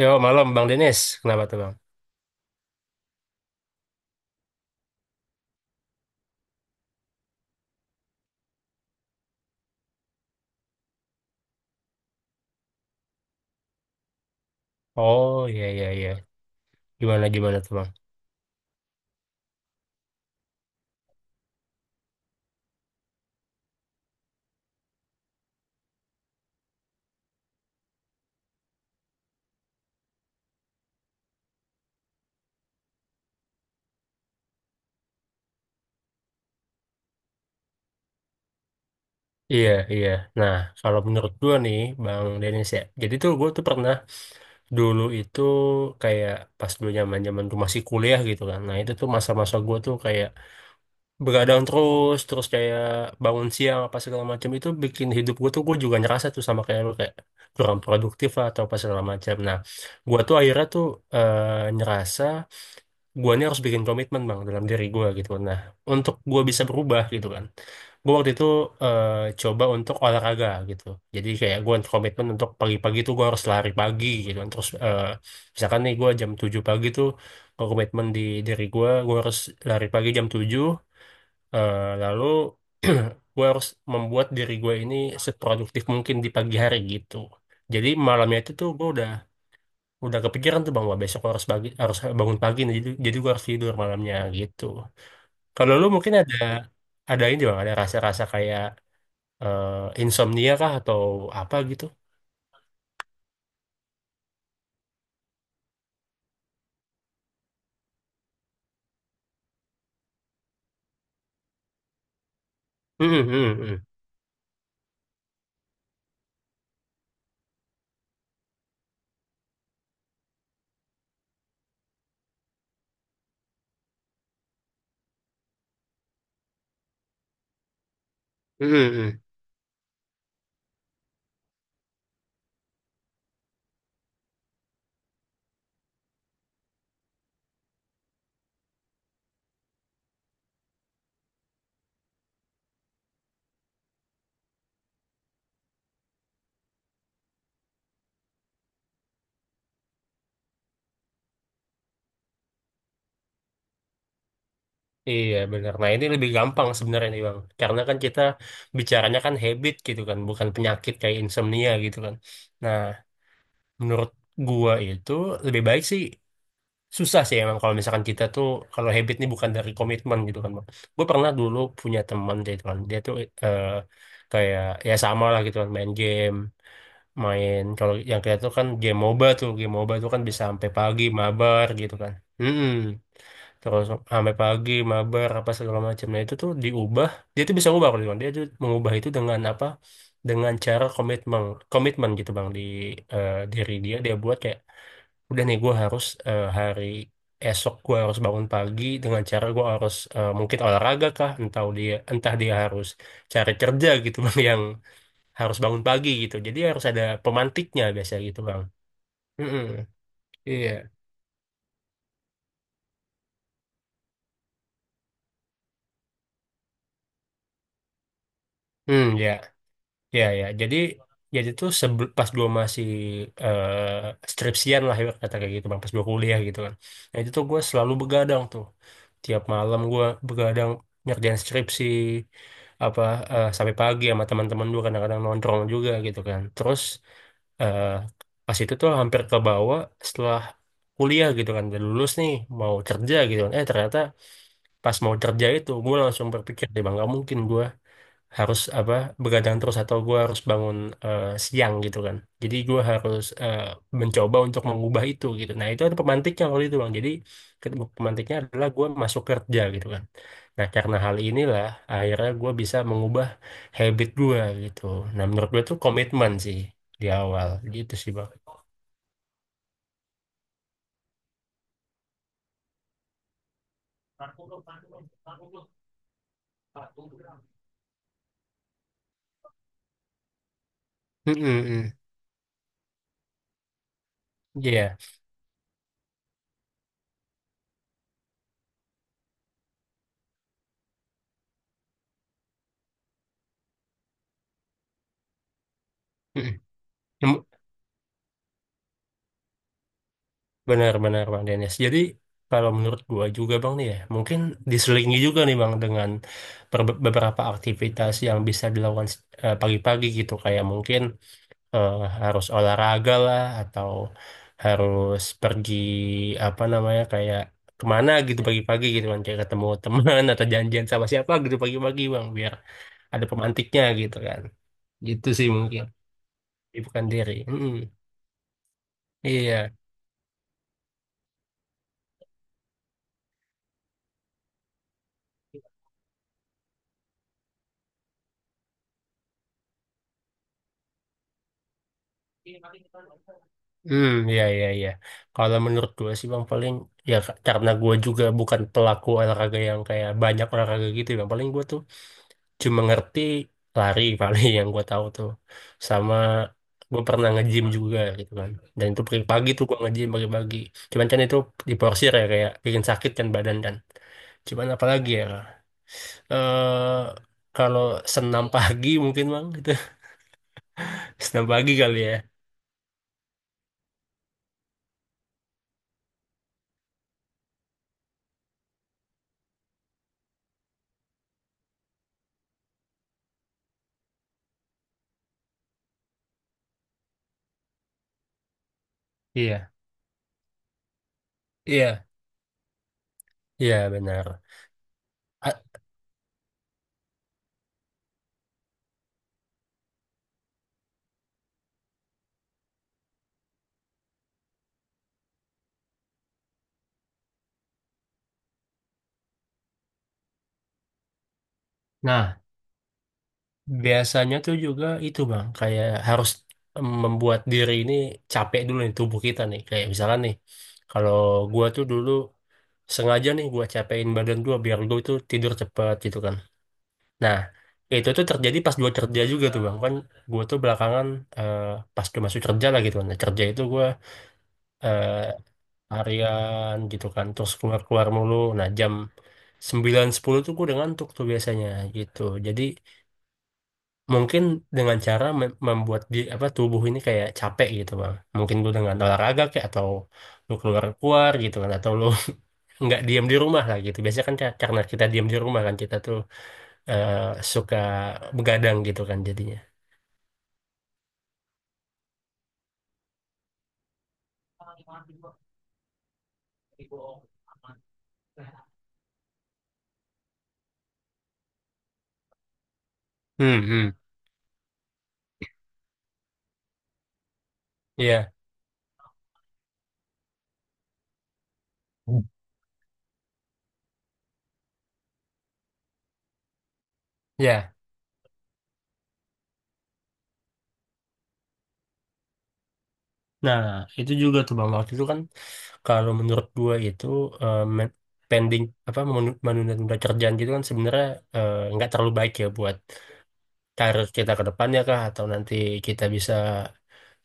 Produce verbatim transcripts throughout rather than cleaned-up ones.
Yo, malam Bang Denis. Kenapa tuh Bang? Oh, iya, iya, iya. Gimana, gimana tuh Bang? Iya, iya. Nah, kalau menurut gua nih, Bang Denis ya. Jadi tuh gua tuh pernah dulu itu kayak pas dulu zaman zaman tuh masih kuliah gitu kan. Nah, itu tuh masa-masa gua tuh kayak begadang terus, terus kayak bangun siang apa segala macam itu bikin hidup gua tuh gua juga ngerasa tuh sama kayak lu kayak kurang produktif lah atau apa segala macam. Nah, gua tuh akhirnya tuh eh, ngerasa guanya harus bikin komitmen bang dalam diri gua gitu kan. Nah, untuk gua bisa berubah gitu kan, gua waktu itu eh, coba untuk olahraga gitu. Jadi kayak gua komitmen untuk pagi-pagi tuh gua harus lari pagi gitu kan. Terus eh, misalkan nih gua jam tujuh pagi tuh gua komitmen di diri gua gua harus lari pagi jam tujuh. Eh, lalu gua harus membuat diri gua ini seproduktif mungkin di pagi hari gitu. Jadi malamnya itu tuh gua udah udah kepikiran tuh bang, wah besok gua harus pagi, harus bangun pagi nih, jadi jadi gua harus tidur malamnya gitu. Kalau lu mungkin ada ada ini bang, ada rasa-rasa kayak eh, insomnia kah atau apa gitu. Hmm, hmm, hmm. Hmm, hmm. Iya benar. Nah, ini lebih gampang sebenarnya nih Bang. Karena kan kita bicaranya kan habit gitu kan, bukan penyakit kayak insomnia gitu kan. Nah, menurut gua itu lebih baik sih, susah sih emang kalau misalkan kita tuh, kalau habit ini bukan dari komitmen gitu kan bang. Gue pernah dulu punya teman gitu kan, dia tuh eh, kayak ya sama lah gitu kan, main game, main kalau yang kayak tuh kan game MOBA tuh, game MOBA tuh kan bisa sampai pagi mabar gitu kan. Mm-mm. Terus sampai pagi mabar apa segala macamnya itu tuh diubah, dia tuh bisa ubah kalau gitu kan. Dia tuh mengubah itu dengan apa, dengan cara komitmen, komitmen gitu bang di eh, diri dia. Dia buat kayak udah nih gue harus eh, hari esok gue harus bangun pagi, dengan cara gue harus eh, mungkin olahraga kah, entah dia entah dia harus cari kerja gitu bang yang harus bangun pagi gitu, jadi harus ada pemantiknya biasanya gitu bang. Mm-mm. Iya. Hmm, ya, ya, ya, jadi jadi tuh sebel, pas gue masih eh, skripsian lah ya, kata kayak gitu bang, pas gue kuliah gitu kan. Nah itu tuh gue selalu begadang tuh, tiap malam gue begadang ngerjain skripsi apa eh, sampai pagi sama teman-teman gue, kadang-kadang nongkrong juga gitu kan. Terus eh, pas itu tuh hampir ke bawah setelah kuliah gitu kan, udah lulus nih mau kerja gitu kan, eh ternyata pas mau kerja itu gue langsung berpikir deh bang, gak mungkin gue harus apa begadang terus atau gue harus bangun eh, siang gitu kan. Jadi gue harus eh, mencoba untuk mengubah itu gitu. Nah itu ada pemantiknya waktu itu bang, jadi ketemu- pemantiknya adalah gue masuk kerja gitu kan. Nah karena hal inilah akhirnya gue bisa mengubah habit gue gitu. Nah menurut gue tuh komitmen sih di awal gitu sih bang. Mm-mm-mm. Iya. Mm-mm. Benar-benar Bang Dennis. Jadi kalau menurut gua juga Bang nih ya, mungkin diselingi juga nih Bang dengan per- beberapa aktivitas yang bisa dilakukan eh, pagi-pagi gitu. Kayak mungkin eh, harus olahraga lah, atau harus pergi apa namanya kayak kemana gitu pagi-pagi gitu kan. Kayak ketemu teman atau janjian sama siapa gitu pagi-pagi Bang, biar ada pemantiknya gitu kan. Gitu sih mungkin. Bukan diri. Mm-mm. Iya. Hmm, ya, ya, ya. Kalau menurut gue sih bang, paling ya ka- karena gue juga bukan pelaku olahraga yang kayak banyak olahraga gitu ya, bang. Paling gue tuh cuma ngerti lari paling yang gue tahu tuh. Sama gue pernah nge-gym juga gitu kan. Dan itu pagi-pagi tuh gue nge-gym pagi-pagi. Cuman kan itu diporsir ya, kayak bikin sakit kan badan kan. Cuman apalagi ya. Eh kalau senam pagi mungkin bang gitu. Senam pagi kali ya. Iya. Iya, iya benar. A- Nah, Biasanya tuh juga itu bang, kayak harus mmm, membuat diri ini capek dulu nih tubuh kita nih. Kayak misalnya nih, kalau gua tuh dulu sengaja nih gua capein badan gua biar gua tuh tidur cepat gitu kan. Nah itu tuh terjadi pas gua kerja juga tuh bang kan. Gua tuh belakangan eh, pas gua masuk kerja lah gitu kan. Nah, kerja itu gua eh, harian gitu kan, terus keluar keluar mulu. Nah jam sembilan sepuluh tuh gua udah ngantuk tuh biasanya gitu. Jadi mungkin dengan cara mem- membuat di apa tubuh ini kayak capek gitu bang. Mungkin lu dengan olahraga kayak, atau lu keluar keluar gitu kan, atau lu nggak diam di rumah lah gitu. Biasanya kan ka- karena kita diam di rumah, kan kita tuh eh, suka begadang gitu kan jadinya. Hmm, hmm, iya, Hmm. Iya. Nah, itu juga tuh bang waktu itu kan, kalau menurut gua itu eh, men- pending apa menunda-nunda kerjaan gitu kan, sebenarnya eh, nggak terlalu baik ya buat karir kita ke depannya kah, atau nanti kita bisa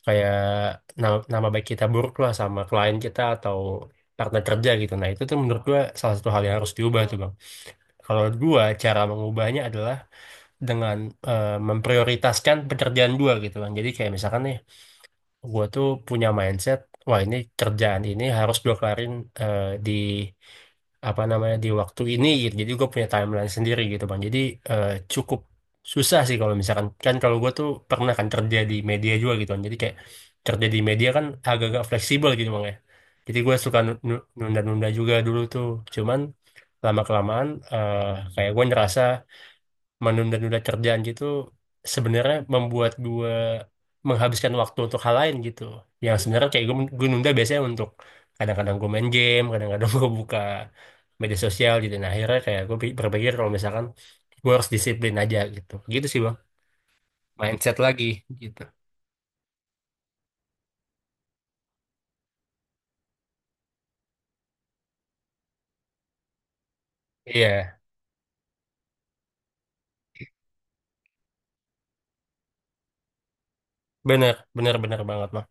kayak nama, nama baik kita buruk lah sama klien kita atau partner kerja gitu. Nah, itu tuh menurut gua salah satu hal yang harus diubah tuh, Bang. Kalau gua cara mengubahnya adalah dengan eh, memprioritaskan pekerjaan gua gitu, Bang. Jadi kayak misalkan nih gue tuh punya mindset, wah ini kerjaan ini harus gue kelarin eh, di apa namanya di waktu ini gitu. Jadi gue punya timeline sendiri gitu bang. Jadi eh, cukup susah sih kalau misalkan kan, kalau gue tuh pernah kan kerja di media juga gitu kan. Jadi kayak kerja di media kan agak-agak fleksibel gitu bang ya. Jadi gue suka nu- nu- nunda-nunda juga dulu tuh. Cuman lama kelamaan kayak gue ngerasa menunda-nunda kerjaan gitu sebenarnya membuat gue menghabiskan waktu untuk hal lain gitu, yang sebenarnya kayak gue, gue nunda biasanya untuk kadang-kadang gue main game, kadang-kadang gue buka media sosial gitu. Nah akhirnya kayak gue pi- berpikir kalau misalkan gue harus disiplin aja gitu, gitu sih bang, mindset lagi gitu. Iya bener bener bener banget bang.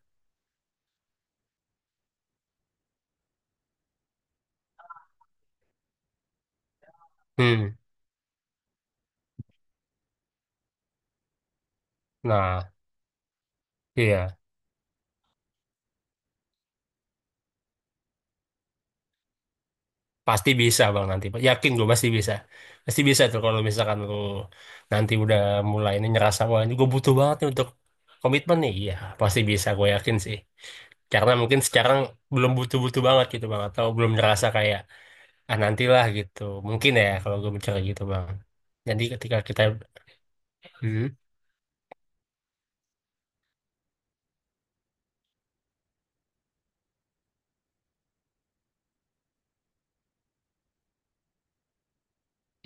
Hmm, nah iya. Pasti bisa bang nanti. Yakin gue pasti bisa. Pasti bisa tuh kalau misalkan lu nanti udah mulai ini ngerasa wah ini gue butuh banget nih untuk komitmen nih. Iya pasti bisa, gue yakin sih. Karena mungkin sekarang belum butuh-butuh banget gitu bang, atau belum ngerasa kayak ah nantilah gitu. Mungkin ya kalau gue bicara gitu bang. Jadi ketika kita Hmm.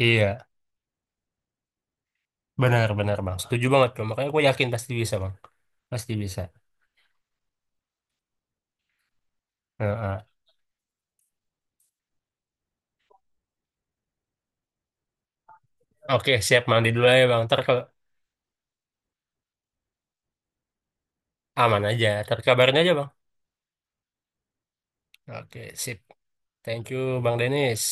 Iya benar-benar bang. Setuju banget tuh. Makanya gue yakin pasti bisa bang. Pasti bisa. Heeh. Oke siap, mandi dulu aja bang. Ntar kalau aman aja. Ntar kabarin aja bang. Oke sip. Thank you Bang Denis.